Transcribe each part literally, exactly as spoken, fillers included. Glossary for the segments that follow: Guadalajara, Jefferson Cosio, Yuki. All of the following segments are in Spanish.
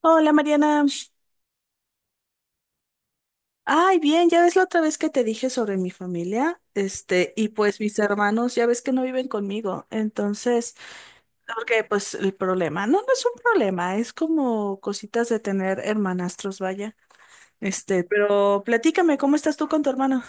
Hola Mariana. Ay, bien, ya ves la otra vez que te dije sobre mi familia, este, y pues mis hermanos, ya ves que no viven conmigo, entonces, porque pues el problema, no, no es un problema, es como cositas de tener hermanastros, vaya, este, pero platícame, ¿cómo estás tú con tu hermano?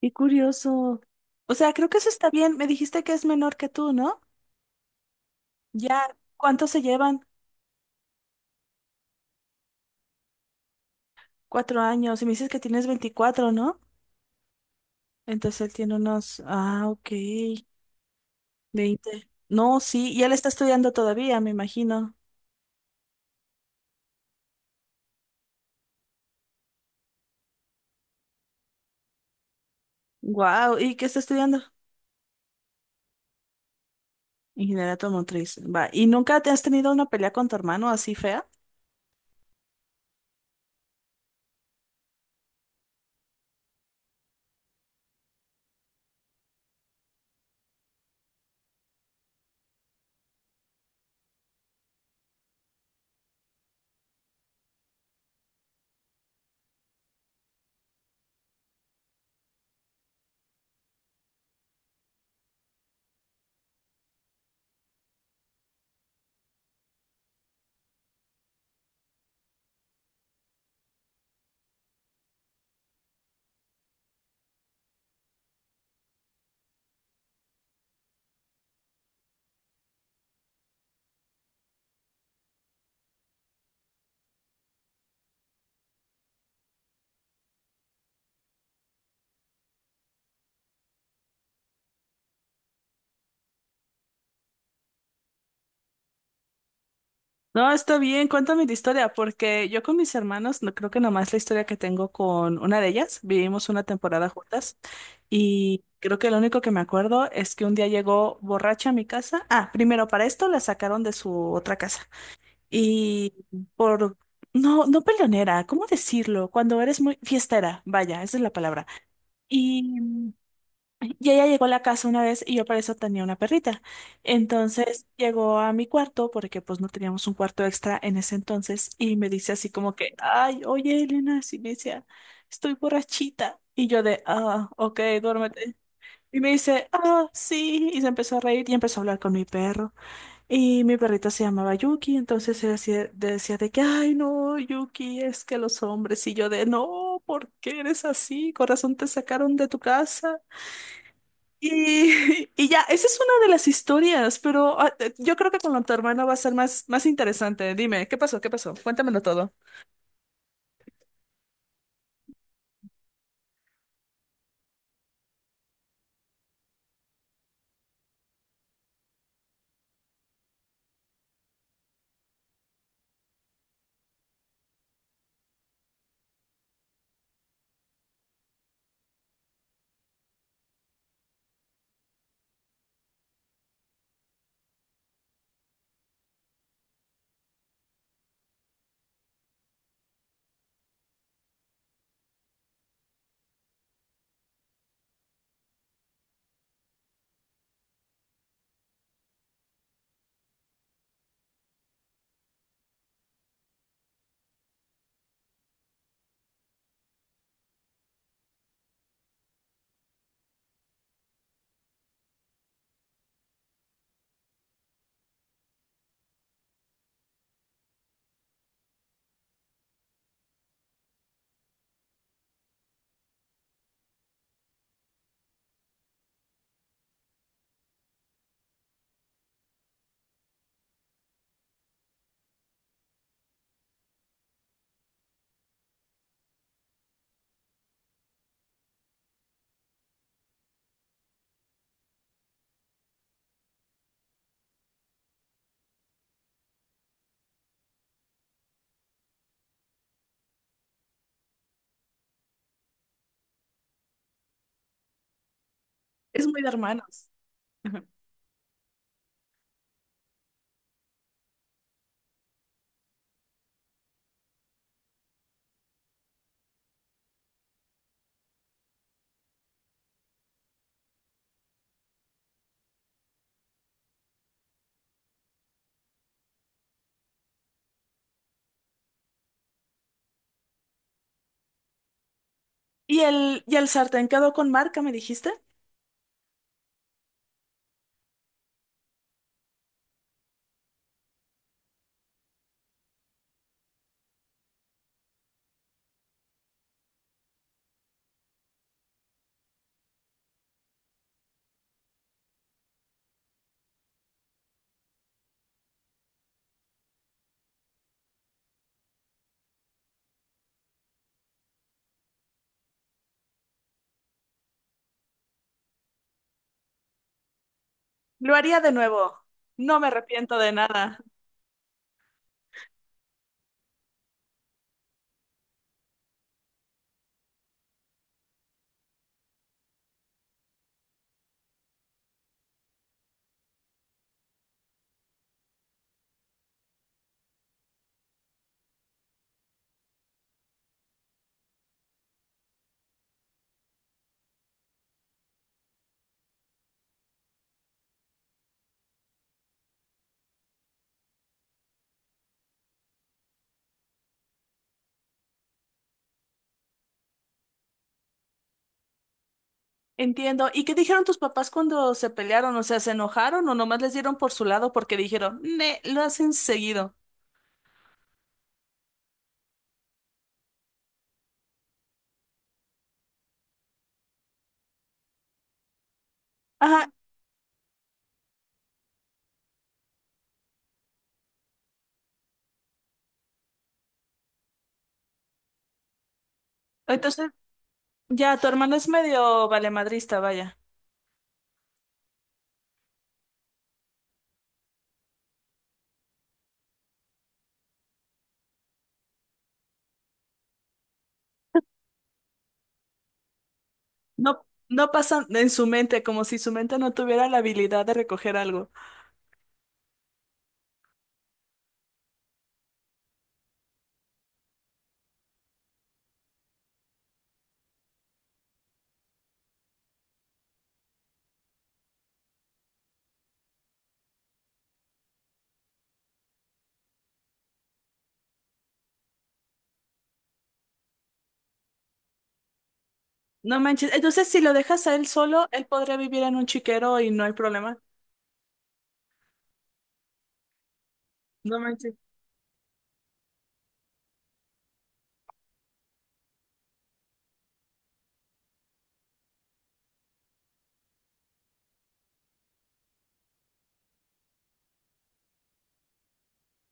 Qué curioso. O sea, creo que eso está bien, me dijiste que es menor que tú, ¿no? Ya, ¿cuántos se llevan? Cuatro años, y me dices que tienes veinticuatro, ¿no? Entonces él tiene unos, ah, ok. Veinte, no, sí, y él está estudiando todavía, me imagino. Wow, ¿y qué está estudiando? Ingeniería automotriz. Va, ¿y nunca te has tenido una pelea con tu hermano así fea? No, está bien, cuéntame la historia, porque yo con mis hermanos, no creo que nomás la historia que tengo con una de ellas, vivimos una temporada juntas y creo que lo único que me acuerdo es que un día llegó borracha a mi casa. Ah, primero para esto la sacaron de su otra casa. Y por, no, no peleonera, ¿cómo decirlo? Cuando eres muy fiestera, vaya, esa es la palabra. Y, y ella llegó a la casa una vez y yo para eso tenía una perrita. Entonces llegó a mi cuarto porque pues no teníamos un cuarto extra en ese entonces y me dice así como que, ay, oye, Elena, así me decía, estoy borrachita. Y yo de, ah, ok, duérmete. Y me dice, ah, sí. Y se empezó a reír y empezó a hablar con mi perro. Y mi perrita se llamaba Yuki, entonces ella decía, decía de que, ay, no, Yuki, es que los hombres, y yo de, no, ¿por qué eres así? Corazón, te sacaron de tu casa. Y, y ya, esa es una de las historias, pero ah, eh, yo creo que con lo de tu hermano va a ser más, más interesante. Dime, ¿qué pasó? ¿Qué pasó? Cuéntamelo todo. Es muy de hermanos. Ajá. ¿Y el, y el sartén quedó con marca, me dijiste? Lo haría de nuevo. No me arrepiento de nada. Entiendo. ¿Y qué dijeron tus papás cuando se pelearon? O sea, ¿se enojaron o nomás les dieron por su lado porque dijeron, ne, lo hacen seguido? Ajá. Entonces, ya, tu hermano es medio valemadrista, vaya. No, no pasa en su mente, como si su mente no tuviera la habilidad de recoger algo. No manches. Entonces, si lo dejas a él solo, él podría vivir en un chiquero y no hay problema. No manches.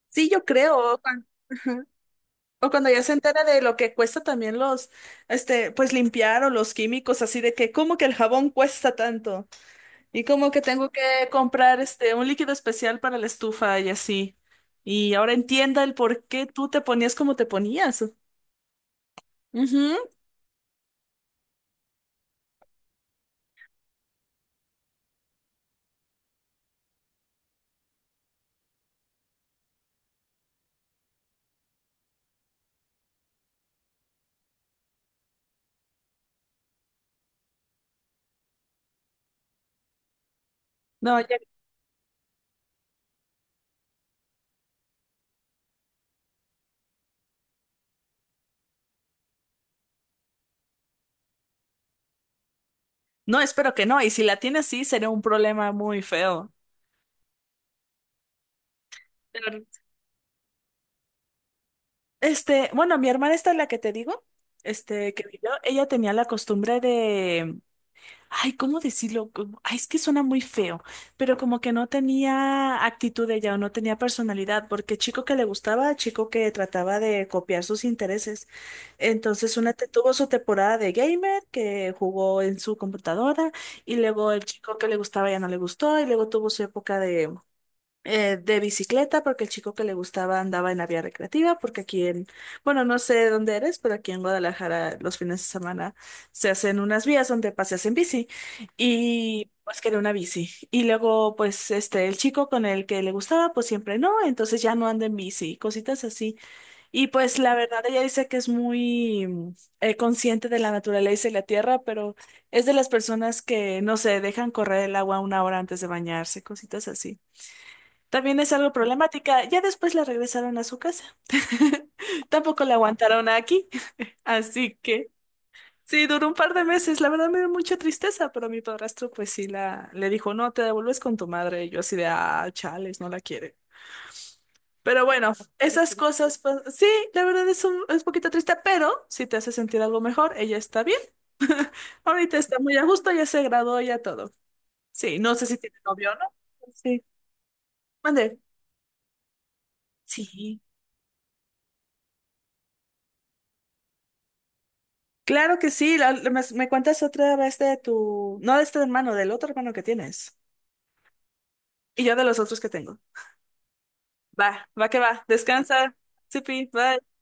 Sí, yo creo. Juan. O cuando ya se entera de lo que cuesta también los, este, pues limpiar o los químicos, así de que, ¿cómo que el jabón cuesta tanto? Y como que tengo que comprar, este, un líquido especial para la estufa y así. Y ahora entienda el por qué tú te ponías como te ponías. Ujú. No, ya- no, espero que no. Y si la tiene así, sería un problema muy feo. Pero, este, bueno, mi hermana esta, la que te digo, este, que vivió, ella tenía la costumbre ay, ¿cómo decirlo? Como- ay, es que suena muy feo, pero como que no tenía actitud ella o no tenía personalidad, porque chico que le gustaba, chico que trataba de copiar sus intereses. Entonces, una te- tuvo su temporada de gamer que jugó en su computadora, y luego el chico que le gustaba ya no le gustó, y luego tuvo su época de eh, de bicicleta, porque el chico que le gustaba andaba en la vía recreativa, porque aquí en, bueno, no sé dónde eres, pero aquí en Guadalajara los fines de semana se hacen unas vías donde paseas en bici y pues quería una bici. Y luego, pues, este, el chico con el que le gustaba, pues siempre no, entonces ya no anda en bici, cositas así. Y pues la verdad, ella dice que es muy mm, eh, consciente de la naturaleza y la tierra, pero es de las personas que, no sé, dejan correr el agua una hora antes de bañarse, cositas así. También es algo problemática. Ya después la regresaron a su casa. Tampoco la aguantaron aquí. Así que sí, duró un par de meses. La verdad me dio mucha tristeza, pero mi padrastro pues sí la le dijo, no, te devuelves con tu madre. Y yo así de, ah, chales, no la quiere. Pero bueno, esas cosas, pues sí, la verdad es un, es poquito triste, pero si te hace sentir algo mejor, ella está bien. Ahorita está muy a gusto, ya se graduó, ya todo. Sí, no sé si tiene novio o no. Sí. Mande. Sí. Claro que sí, la- la- me, me cuentas otra vez de tu, no de este hermano, del otro hermano que tienes. Y yo de los otros que tengo. Va, va que va. Descansa. Supi, bye.